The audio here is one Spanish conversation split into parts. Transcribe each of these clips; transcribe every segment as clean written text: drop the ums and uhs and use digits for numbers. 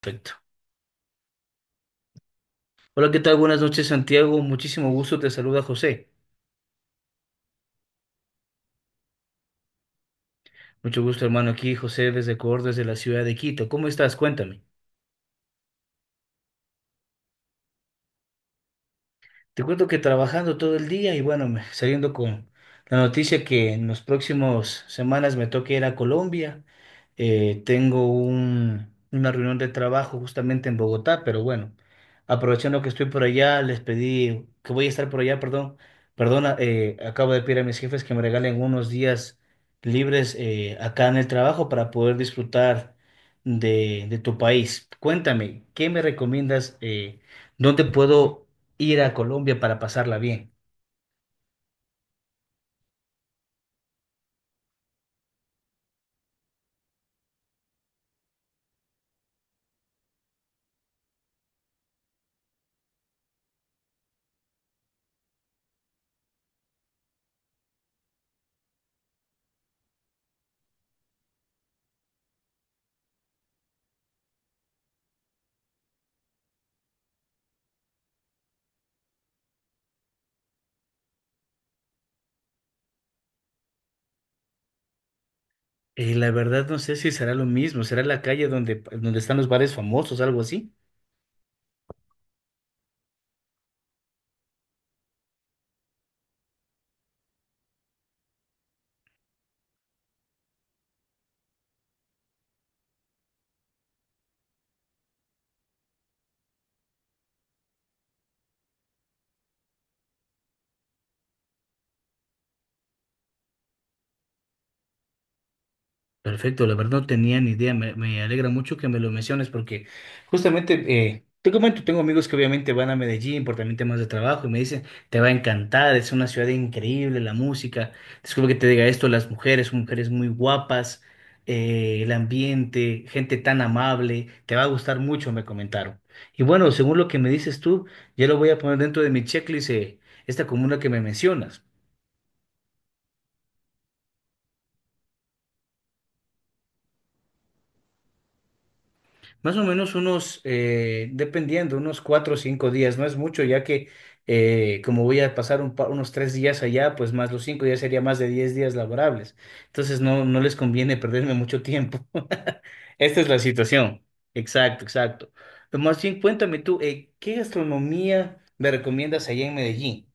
Perfecto. Hola, ¿qué tal? Buenas noches, Santiago. Muchísimo gusto, te saluda José. Mucho gusto, hermano, aquí, José, desde Ecuador, desde la ciudad de Quito. ¿Cómo estás? Cuéntame. Te cuento que trabajando todo el día y bueno, saliendo con la noticia que en los próximos semanas me toque ir a Colombia. Tengo una reunión de trabajo justamente en Bogotá, pero bueno, aprovechando que estoy por allá, les pedí que voy a estar por allá, perdón, perdona, acabo de pedir a mis jefes que me regalen unos días libres acá en el trabajo para poder disfrutar de tu país. Cuéntame, ¿qué me recomiendas? ¿Dónde puedo ir a Colombia para pasarla bien? La verdad no sé si será lo mismo, será la calle donde están los bares famosos, algo así. Perfecto, la verdad no tenía ni idea, me alegra mucho que me lo menciones porque justamente, te comento, tengo amigos que obviamente van a Medellín por también temas de trabajo y me dicen, te va a encantar, es una ciudad increíble, la música, disculpa que te diga esto, las mujeres, mujeres muy guapas, el ambiente, gente tan amable, te va a gustar mucho, me comentaron. Y bueno, según lo que me dices tú, ya lo voy a poner dentro de mi checklist, esta comuna que me mencionas. Más o menos unos, dependiendo, unos 4 o 5 días, no es mucho, ya que como voy a pasar unos 3 días allá, pues más los cinco ya sería más de 10 días laborables. Entonces no, no les conviene perderme mucho tiempo. Esta es la situación. Exacto, exacto. Pero más bien, cuéntame tú, ¿qué gastronomía me recomiendas allá en Medellín?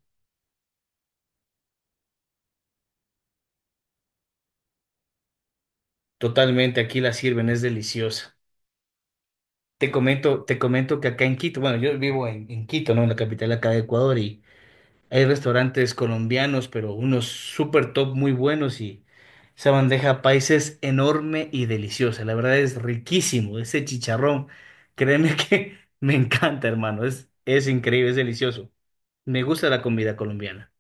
Totalmente, aquí la sirven, es deliciosa. Te comento que acá en Quito, bueno, yo vivo en Quito, ¿no? En la capital acá de Ecuador hay restaurantes colombianos, pero unos super top muy buenos y esa bandeja paisa es enorme y deliciosa. La verdad es riquísimo. Ese chicharrón, créeme que me encanta, hermano. Es increíble, es delicioso. Me gusta la comida colombiana.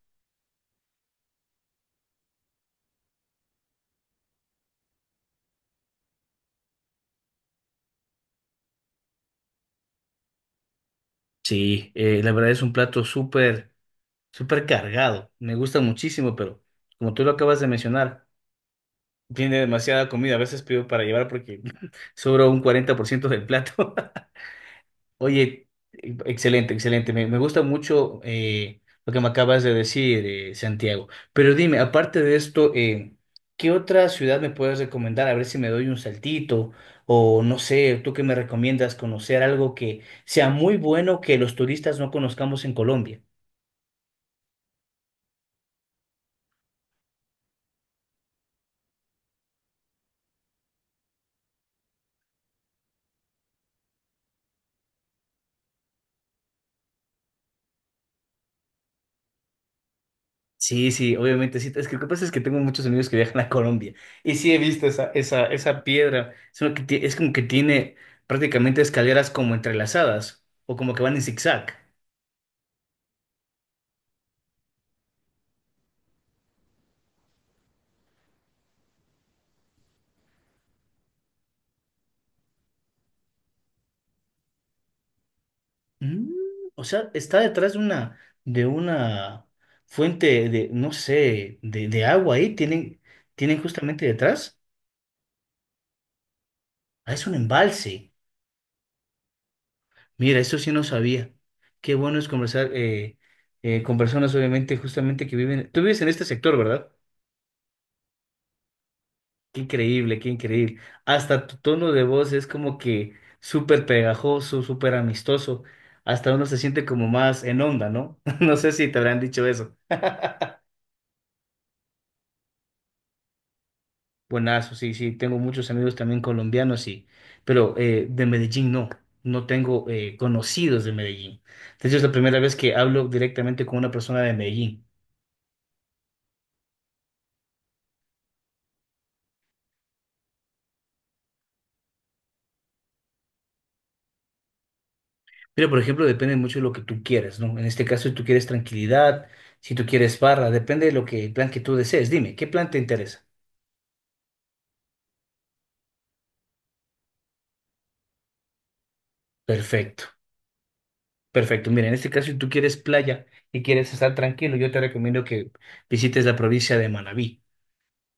Sí, la verdad es un plato súper, súper cargado. Me gusta muchísimo, pero como tú lo acabas de mencionar, tiene demasiada comida. A veces pido para llevar porque sobra un 40% del plato. Oye, excelente, excelente. Me gusta mucho lo que me acabas de decir, Santiago. Pero dime, aparte de esto, ¿qué otra ciudad me puedes recomendar? A ver si me doy un saltito o no sé, ¿tú qué me recomiendas conocer algo que sea muy bueno que los turistas no conozcamos en Colombia? Sí, sí, obviamente sí. Es que lo que pasa es que tengo muchos amigos que viajan a Colombia y sí he visto esa, esa piedra. Es, una que es como que tiene prácticamente escaleras como entrelazadas o como que van en zigzag. Mm, o sea, está detrás de una fuente de, no sé, de agua ahí, tienen justamente detrás. Ah, es un embalse. Mira, eso sí no sabía. Qué bueno es conversar con personas, obviamente, justamente que viven. Tú vives en este sector, ¿verdad? Qué increíble, qué increíble. Hasta tu tono de voz es como que súper pegajoso, súper amistoso. Hasta uno se siente como más en onda, ¿no? No sé si te habrán dicho eso. Buenazo, sí, sí, tengo muchos amigos también colombianos, y, pero de Medellín no, no tengo conocidos de Medellín. De hecho, es la primera vez que hablo directamente con una persona de Medellín. Pero, por ejemplo, depende mucho de lo que tú quieras, ¿no? En este caso, si tú quieres tranquilidad, si tú quieres barra, depende de lo que, el plan que tú desees. Dime, ¿qué plan te interesa? Perfecto, perfecto. Mira, en este caso, si tú quieres playa y quieres estar tranquilo, yo te recomiendo que visites la provincia de Manabí.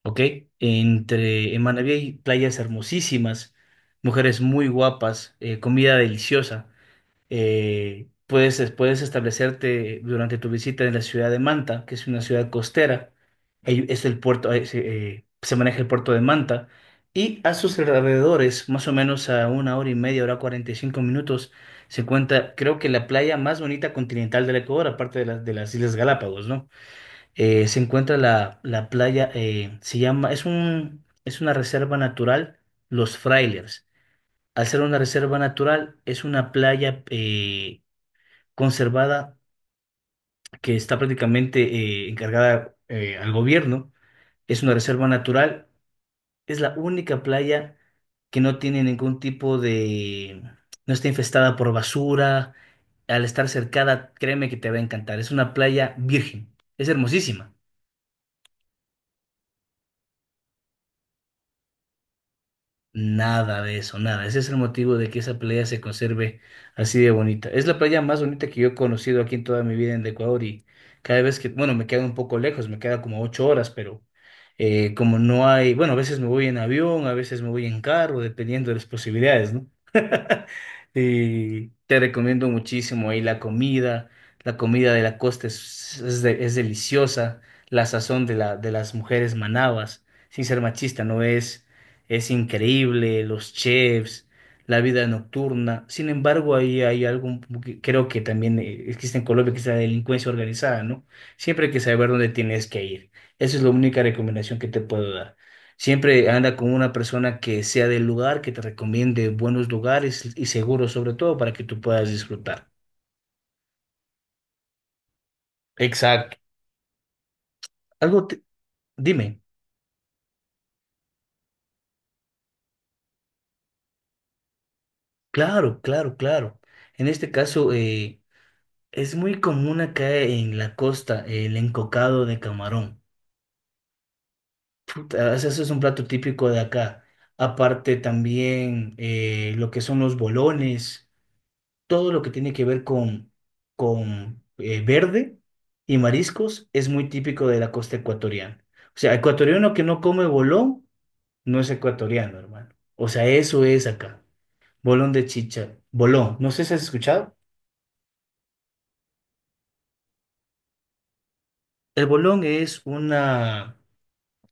Ok, entre en Manabí hay playas hermosísimas, mujeres muy guapas, comida deliciosa. Puedes establecerte durante tu visita en la ciudad de Manta, que es una ciudad costera. Ahí es el puerto, ahí se maneja el puerto de Manta. Y a sus alrededores, más o menos a una hora y media, hora 45 minutos, se encuentra, creo que la playa más bonita continental del Ecuador, aparte de las Islas Galápagos, ¿no? Se encuentra la playa, se llama, es una reserva natural, Los Frailers. Al ser una reserva natural, es una playa conservada que está prácticamente encargada al gobierno. Es una reserva natural, es la única playa que no tiene ningún tipo de, no está infestada por basura. Al estar cercada, créeme que te va a encantar. Es una playa virgen, es hermosísima. Nada de eso, nada. Ese es el motivo de que esa playa se conserve así de bonita. Es la playa más bonita que yo he conocido aquí en toda mi vida en Ecuador y cada vez que, bueno, me queda un poco lejos, me queda como 8 horas, pero como no hay, bueno, a veces me voy en avión, a veces me voy en carro, dependiendo de las posibilidades, ¿no? Y te recomiendo muchísimo ahí la comida de la costa es deliciosa, la sazón de las mujeres manabas, sin ser machista, no es es increíble, los chefs, la vida nocturna. Sin embargo, ahí hay algo un poco que creo que también existe en Colombia, que es la delincuencia organizada, ¿no? Siempre hay que saber dónde tienes que ir. Esa es la única recomendación que te puedo dar. Siempre anda con una persona que sea del lugar, que te recomiende buenos lugares y seguros, sobre todo, para que tú puedas disfrutar. Exacto. Algo, dime. Claro, claro, claro. En este caso, es muy común acá en la costa el encocado de camarón. Puta, eso es un plato típico de acá. Aparte también lo que son los bolones, todo lo que tiene que ver con, con verde y mariscos es muy típico de la costa ecuatoriana. O sea, ecuatoriano que no come bolón no es ecuatoriano, hermano. O sea, eso es acá. Bolón de chicha. Bolón. No sé si has escuchado. El bolón es una...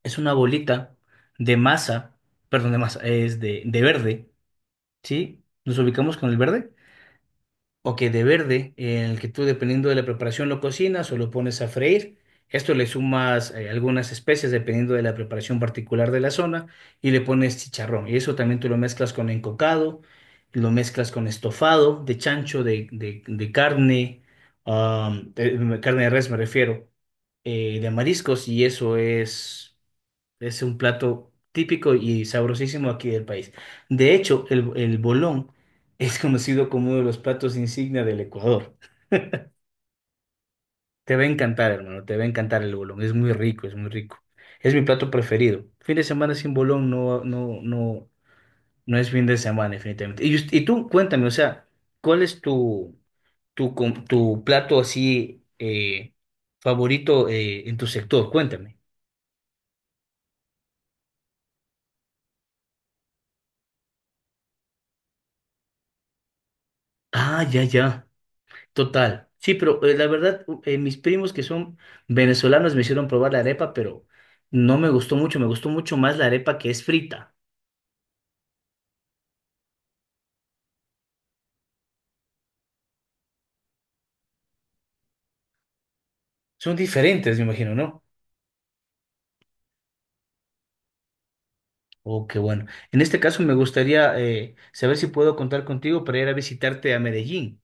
es una bolita de masa, perdón, de masa, es de, verde, ¿sí? Nos ubicamos con el verde o que de verde, en el que tú dependiendo de la preparación lo cocinas o lo pones a freír. Esto le sumas algunas especias dependiendo de la preparación particular de la zona y le pones chicharrón. Y eso también tú lo mezclas con encocado, lo mezclas con estofado de chancho, de carne, carne de res me refiero, de mariscos y eso es... Es un plato típico y sabrosísimo aquí del país. De hecho, el bolón es conocido como uno de los platos insignia del Ecuador. Te va a encantar, hermano, te va a encantar el bolón. Es muy rico, es muy rico. Es mi plato preferido. Fin de semana sin bolón no, no, no, no es fin de semana, definitivamente. Y tú, cuéntame, o sea, ¿cuál es tu, tu plato así favorito en tu sector? Cuéntame. Ah, ya, ya. Total. Sí, pero la verdad, mis primos que son venezolanos me hicieron probar la arepa, pero no me gustó mucho, me gustó mucho más la arepa que es frita. Son diferentes, me imagino, ¿no? Oh, qué bueno. En este caso me gustaría saber si puedo contar contigo para ir a visitarte a Medellín.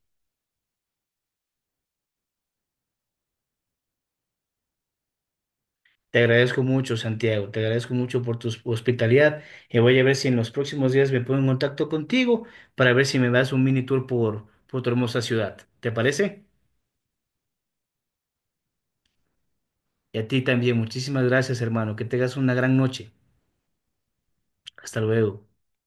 Te agradezco mucho, Santiago, te agradezco mucho por tu hospitalidad y voy a ver si en los próximos días me pongo en contacto contigo para ver si me das un mini tour por, tu hermosa ciudad. ¿Te parece? Y a ti también, muchísimas gracias, hermano. Que tengas una gran noche. Hasta luego.